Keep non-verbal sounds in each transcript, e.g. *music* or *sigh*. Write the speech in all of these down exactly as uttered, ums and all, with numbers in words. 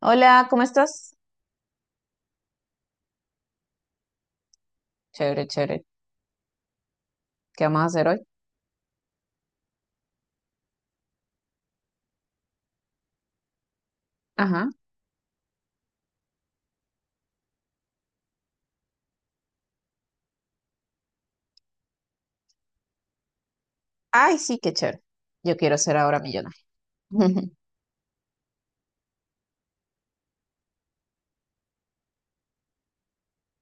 Hola, ¿cómo estás? Chévere, chévere. ¿Qué vamos a hacer hoy? Ajá. Ay, sí, qué chévere. Yo quiero ser ahora millonaria. *laughs*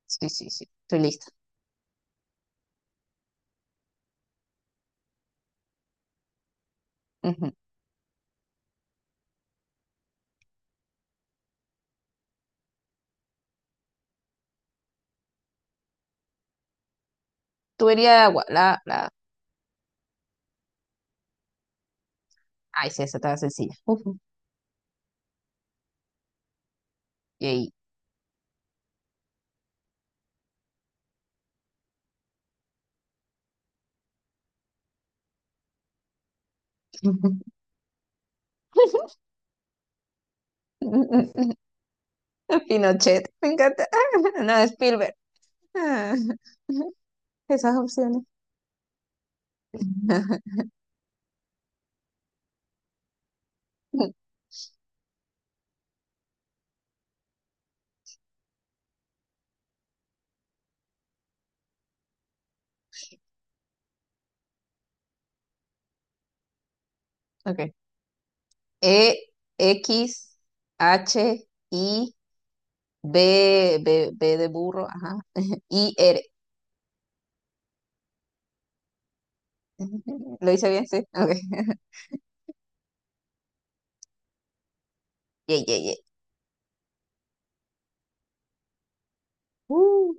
Sí, sí, sí. Estoy lista. Ujú. Tú irías de agua. La, la... Ay, sí, esa estaba sencilla. Ujú. Yay. *laughs* Pinochet. Me encanta. *laughs* No, Spielberg. Ah, esas opciones. *laughs* Ok. E, X, H, I, B, B, B de burro. Ajá. *laughs* I, R. *laughs* Lo hice bien, sí. Ok. *laughs* Yay, yay, yay. Uh,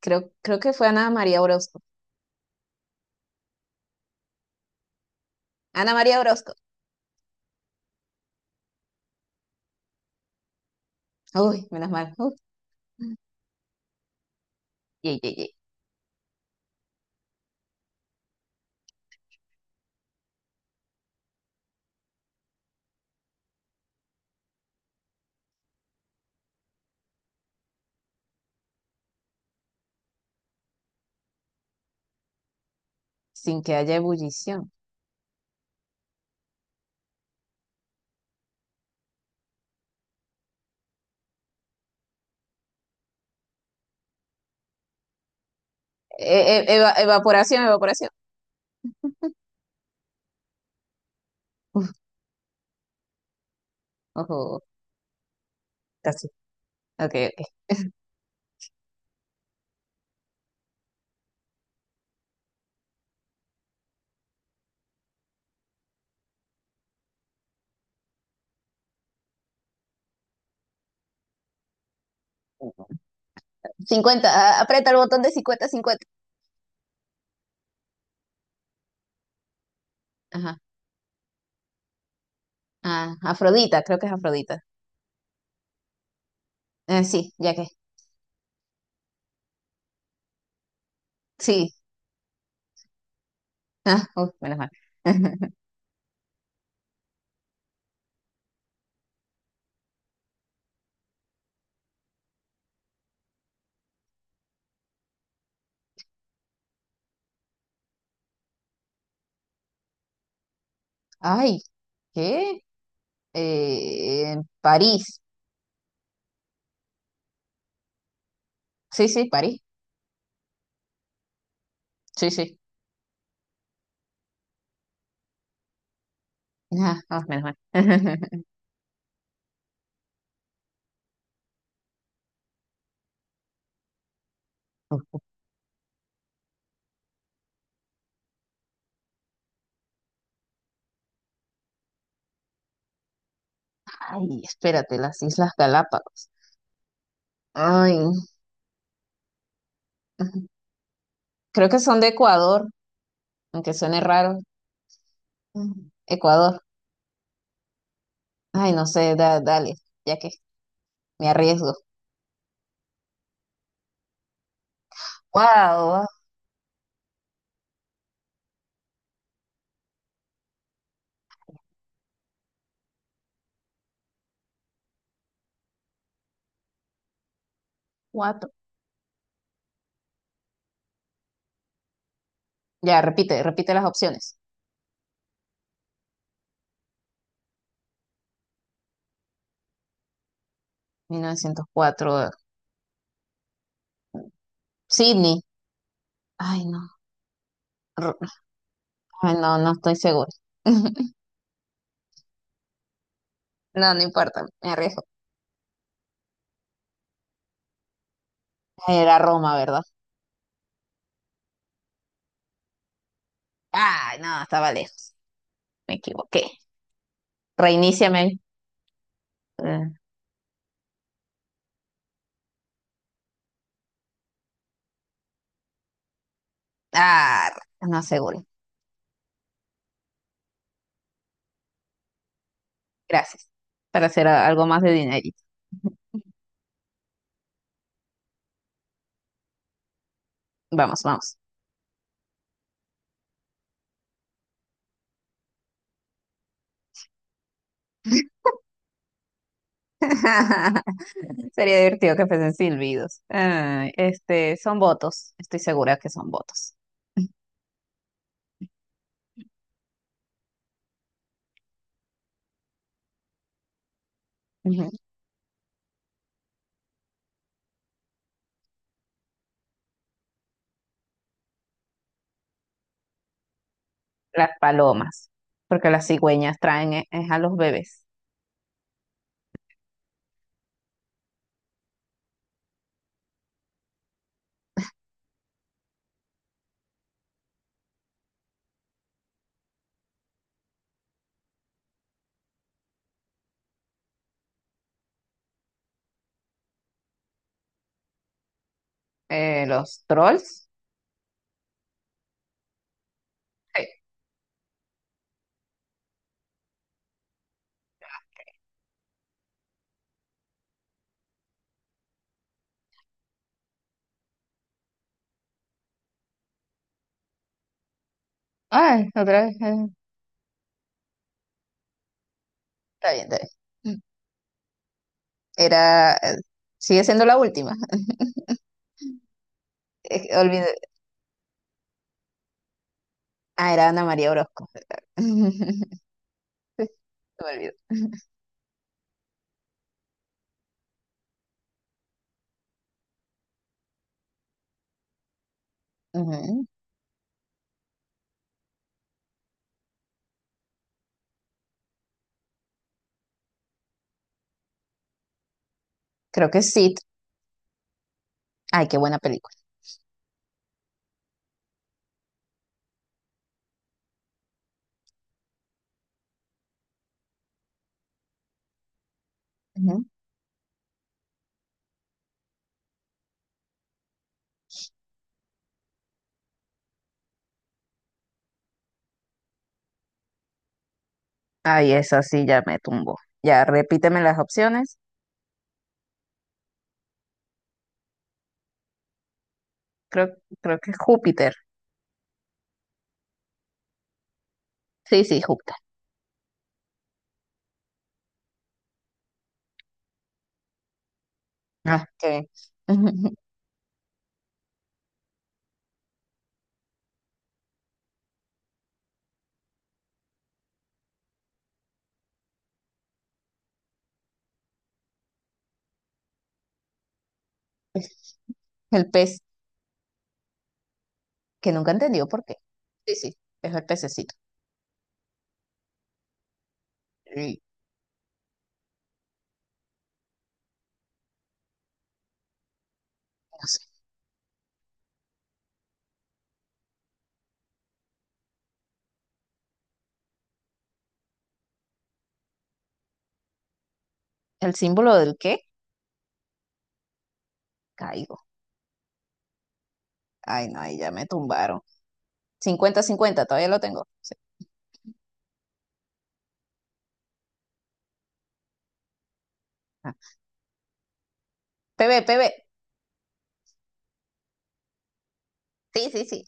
creo, creo que fue Ana María Orozco. Ana María Orozco. Uy, menos mal. Uh, yay, yay, yay. Sin que haya ebullición. Eh, eh, eva- evaporación, evaporación. Uf, ojo, casi. Ok, ok. Cincuenta, a- aprieta el botón de cincuenta cincuenta. Ajá. Ah, Afrodita, creo que es Afrodita. Eh, sí, ya que. Sí. Ah, uf, menos mal. *laughs* Ay, ¿qué? Eh, París. Sí, sí, París. Sí, sí. Ah, ah, menos mal. *laughs* Ay, espérate, las Islas Galápagos. Ay, ujú. Creo que son de Ecuador, aunque suene raro. Ujú. Ecuador. Ay, no sé, da- dale, ya que me arriesgo. Wow, cuatro. Ya, repite, repite las opciones. mil novecientos cuatro, eh, Sydney. Ay, no. R- Ay, no, no estoy segura. *laughs* No, no importa, me arriesgo. Era Roma, ¿verdad? Ay, no, estaba lejos. Me equivoqué. Reiníciame. Eh, Ah, no aseguro. Gracias. Para hacer a- algo más de dinerito. Vamos, vamos. *laughs* Sería divertido que fuesen silbidos. Ay, este, son votos. Estoy segura que son votos. Ujú. Las palomas. Porque las cigüeñas traen eh, es a los bebés. Eh, los trolls. Sí. Ay, otra vez. eh, Está bien, está bien. Era, eh, Sigue siendo la última. Es que olvidé- Ah, era Ana María Orozco. *laughs* Me olvidó. Ujú. Creo que sí. Ay, qué buena película. Ujú. Ay, esa sí ya me tumbó. Ya, repíteme las opciones. Creo, creo que es Júpiter. Sí, sí, Júpiter. Ah, qué bien. *laughs* El pez, que nunca entendió por qué. Sí, sí, es el pececito. Y, no sé. ¿El símbolo del qué? Caigo. Ay, no, ahí ya me tumbaron. Cincuenta, cincuenta, todavía lo tengo. Sí. Ah. P B, P B. Sí, sí, sí.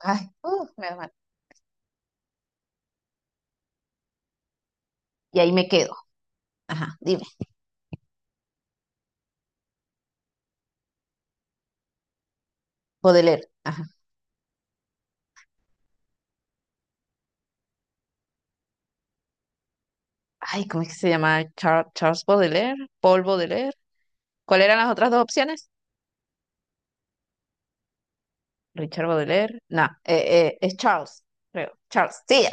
Ay, uh, me y ahí me quedo. Ajá, dime. Baudelaire, ajá. Ay, ¿cómo es que se llama? Char- Charles Baudelaire, Paul Baudelaire. ¿Cuáles eran las otras dos opciones? Richard Baudelaire. No, eh, eh, es Charles, creo. Charles. Sí,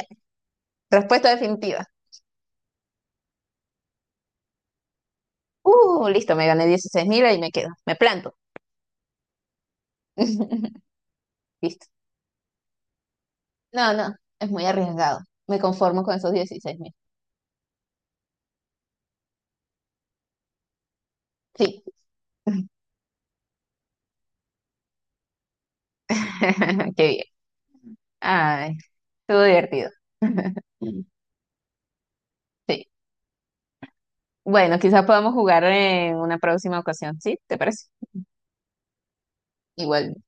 respuesta definitiva. Uh, listo, me gané dieciséis mil y me quedo. Me planto. *laughs* Listo. No, no, es muy arriesgado. Me conformo con esos dieciséis mil. Sí. *laughs* Qué bien. Ay, estuvo divertido. *laughs* Sí. Bueno, quizás podamos jugar en una próxima ocasión, ¿sí? ¿Te parece? Igual